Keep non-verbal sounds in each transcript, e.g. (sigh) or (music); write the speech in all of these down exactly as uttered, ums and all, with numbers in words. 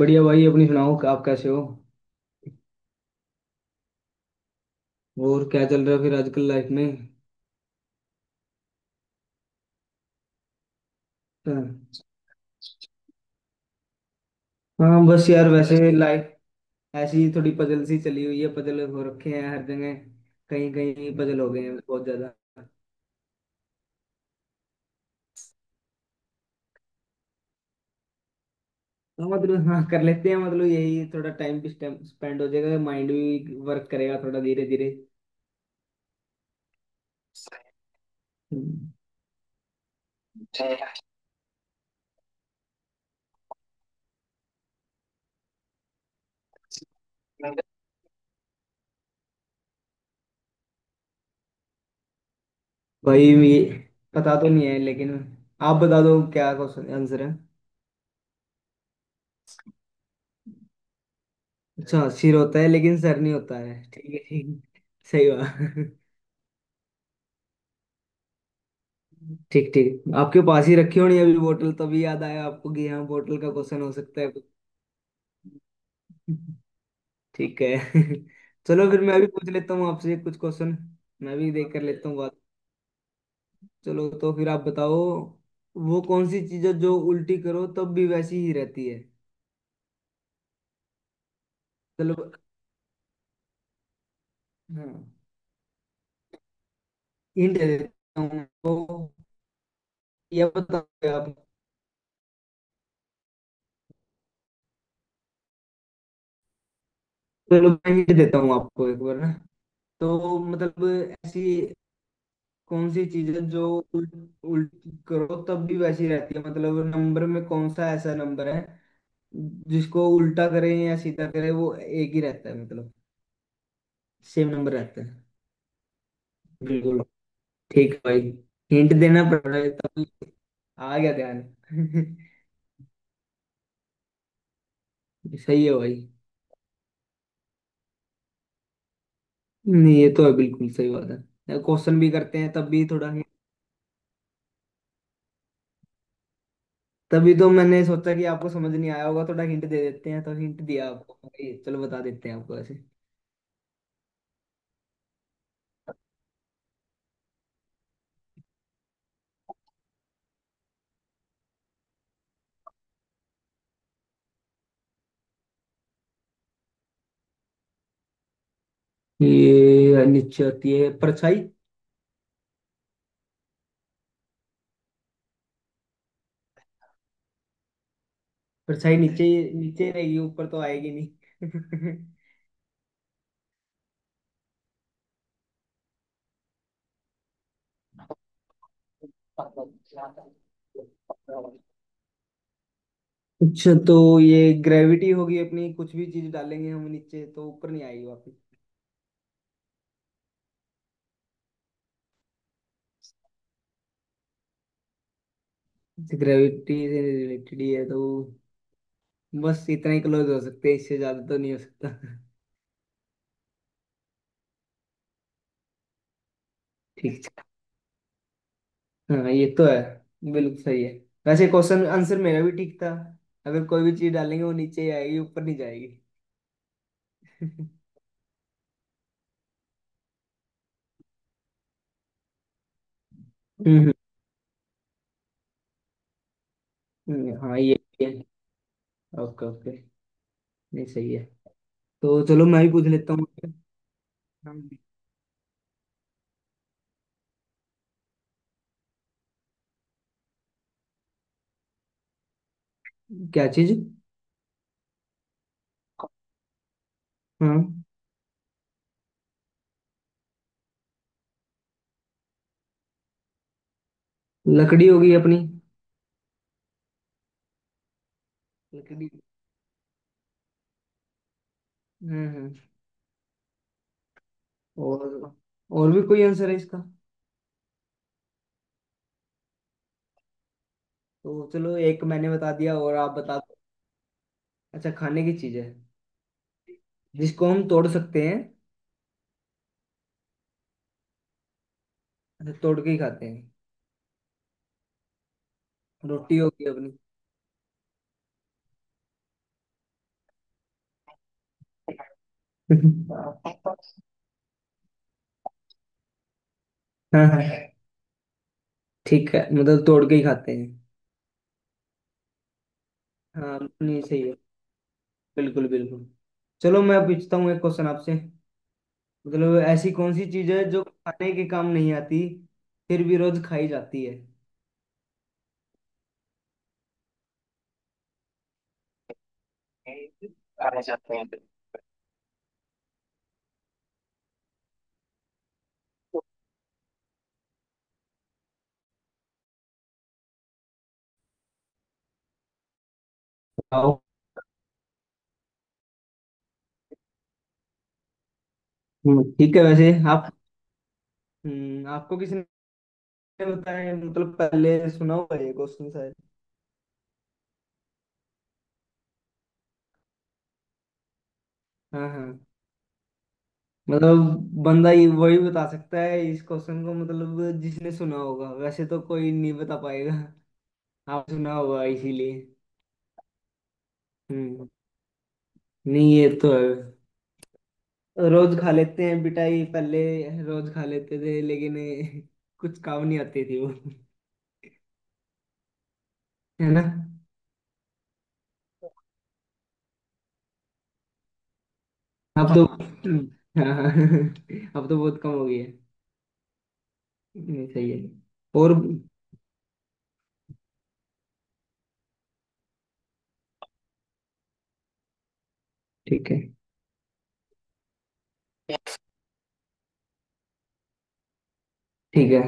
बढ़िया भाई अपनी सुनाओ। आप कैसे हो? और क्या चल रहा है फिर आजकल लाइफ में? हाँ, हाँ, बस यार वैसे लाइफ ऐसी ही थोड़ी पजल सी चली हुई है। पजल हो रखे हैं हर जगह। कहीं कहीं पजल हो गए हैं बहुत ज्यादा। हाँ, मतलब हाँ कर लेते हैं। मतलब यही थोड़ा टाइम भी स्पेंड हो जाएगा, माइंड भी वर्क करेगा थोड़ा धीरे धीरे। हम्म। भाई ये पता तो नहीं है लेकिन आप बता दो क्या क्वेश्चन आंसर है। अच्छा सिर होता है लेकिन सर नहीं होता है। ठीक है, ठीक। सही बात। (laughs) ठीक ठीक, आपके पास ही रखी होनी अभी बोतल, तभी याद आया आपको कि हाँ, बोतल का क्वेश्चन हो सकता है कुछ। ठीक है। (laughs) चलो फिर मैं भी पूछ लेता हूँ आपसे कुछ क्वेश्चन। मैं भी देख कर लेता हूँ बात। चलो तो फिर आप बताओ, वो कौन सी चीज़ है जो उल्टी करो तब भी वैसी ही रहती है। चलो। हाँ, हिंट दे देता हूँ आपको, या बताओ आप। चलो मैं हिंट देता हूँ आपको एक बार ना। तो मतलब ऐसी कौन सी चीज है जो उल्ट उल्ट करो तब भी वैसी रहती है। मतलब नंबर में कौन सा ऐसा नंबर है जिसको उल्टा करें या सीधा करें वो एक ही रहता है, मतलब सेम नंबर रहता है। बिल्कुल। ठीक है भाई, हिंट देना पड़ रहा है, तब आ गया ध्यान। (laughs) सही है भाई। नहीं, ये तो है, बिल्कुल सही बात है, क्वेश्चन भी करते हैं तब भी थोड़ा हिंट। तभी तो मैंने सोचा कि आपको समझ नहीं आया होगा, थोड़ा हिंट दे देते हैं। तो हिंट दिया आपको भाई, चलो बता देते हैं आपको ऐसे। ये नीचे आती है परछाई। परछाई नीचे ही- नीचे ही रहेगी, ऊपर तो आएगी नहीं। (laughs) कुछ तो, ये ग्रेविटी होगी अपनी। कुछ भी चीज डालेंगे हम नीचे तो ऊपर नहीं आएगी वापस। ग्रेविटी से रिलेटेड ही है तो बस इतना ही क्लोज हो सकते हैं, इससे ज्यादा तो नहीं हो सकता। ठीक है, हाँ, ये तो है, बिल्कुल सही है। वैसे क्वेश्चन आंसर मेरा भी ठीक था, अगर कोई भी चीज डालेंगे वो नीचे ही आएगी, ऊपर नहीं जाएगी। (laughs) हम्म। हम्म, हाँ ये, ओके ओके। नहीं सही है। तो चलो मैं भी पूछ लेता हूँ। क्या चीज? हाँ, लकड़ी होगी अपनी। लकड़ी। हम्म हम्म। और और भी कोई आंसर है इसका? तो चलो एक मैंने बता दिया और आप बता दो। अच्छा खाने की चीज है, जिसको हम तोड़ सकते हैं। अच्छा, तोड़ के ही खाते हैं। रोटी होगी अपनी। हाँ हाँ, ठीक है, मतलब तोड़ के ही खाते हैं। हाँ, नहीं सही है, बिल्कुल बिल्कुल। चलो मैं पूछता हूँ एक क्वेश्चन आपसे। मतलब ऐसी कौन सी चीज है जो खाने के काम नहीं आती, फिर भी रोज खाई जाती है। खाने जाते हैं। आओ। हम्म, ठीक है। वैसे आप, हम्म, आपको किसने बताया? मतलब पहले सुना हुआ है ये क्वेश्चन शायद। हाँ हाँ, मतलब बंदा ये वही बता सकता है इस क्वेश्चन को, मतलब जिसने सुना होगा, वैसे तो कोई नहीं बता पाएगा। आप सुना होगा इसीलिए। हम्म। नहीं ये तो है, रोज खा लेते हैं पिटाई पहले, रोज खा लेते थे लेकिन (laughs) कुछ काम नहीं आती थी वो। (laughs) है ना। अब तो (laughs) हाँ हाँ, अब तो बहुत कम हो गई है। नहीं सही है। और? ठीक है, ठीक है।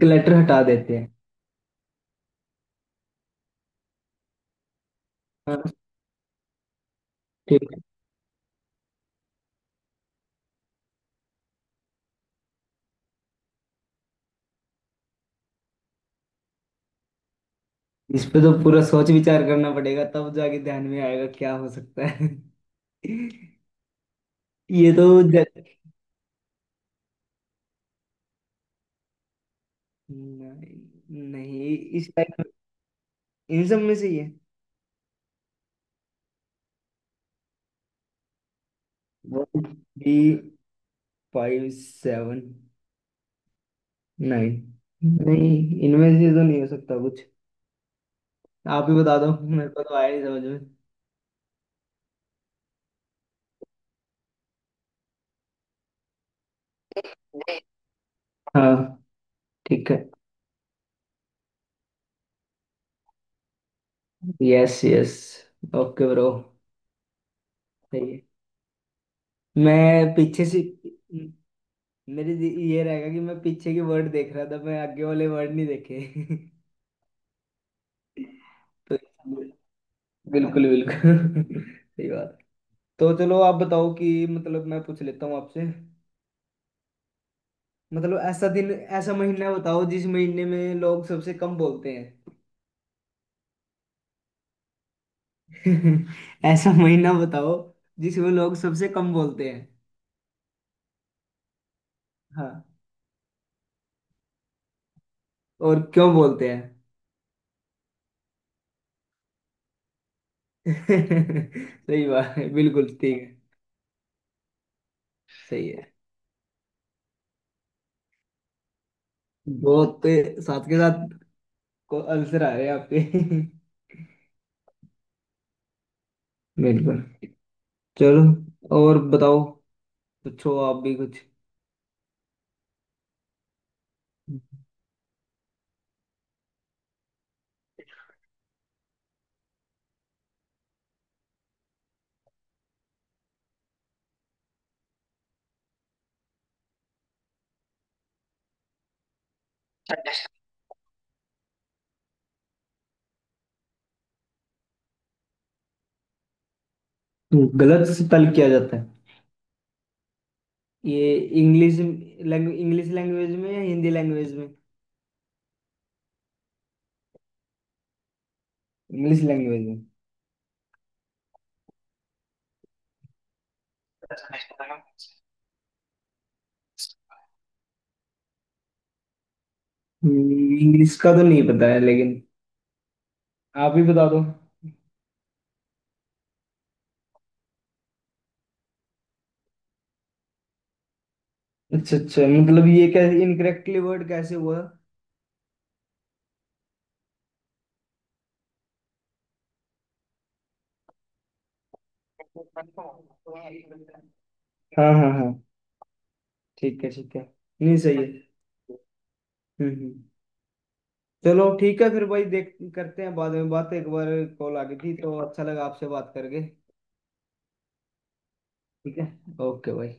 क्लटर हटा देते हैं। हाँ। ठीक है, इस पे तो पूरा सोच विचार करना पड़ेगा तब जाके ध्यान में आएगा क्या हो सकता है। (laughs) ये तो ज- नहीं, नहीं, इस टाइप, इन सब में से ही है? वो भी फाइव सेवन नाइन? नहीं, इनमें से तो नहीं हो सकता कुछ। आप ही बता दो, मेरे को तो आया नहीं समझ में। हाँ। ठीक है। Yes yes, okay bro. सही है। मैं पीछे से, मेरे ये रहेगा कि मैं पीछे के वर्ड देख रहा था, मैं आगे वाले वर्ड नहीं देखे। (laughs) तो बिल्कुल बिल्कुल (laughs) सही बात। तो चलो आप बताओ कि मतलब मैं पूछ लेता हूँ आपसे। मतलब ऐसा दिन ऐसा महीना बताओ जिस महीने में लोग सबसे कम बोलते हैं। (laughs) ऐसा महीना बताओ जिसमें लोग सबसे कम बोलते हैं। हाँ। और क्यों बोलते हैं? (laughs) सही बात है, बिल्कुल ठीक है। सही है, बहुत साथ के साथ को आंसर आ रहे हैं आपके। (laughs) बिल्कुल। चलो और बताओ, पूछो आप भी कुछ। गलत से तलब किया जाता है? ये इंग्लिश लैंग्वेज, इंग्लिश लैंग्वेज में या हिंदी लैंग्वेज में? इंग्लिश लैंग्वेज में। इंग्लिश का तो नहीं पता है लेकिन, आप ही बता दो। अच्छा अच्छा, मतलब ये कैसे इनकरेक्टली वर्ड कैसे हुआ? हाँ हाँ हाँ, ठीक है ठीक है, नहीं सही है। हम्म हम्म। चलो ठीक है फिर भाई, देख करते हैं बाद में बात एक बार। कॉल आ गई थी तो अच्छा लगा आपसे बात करके। ठीक है। ओके भाई।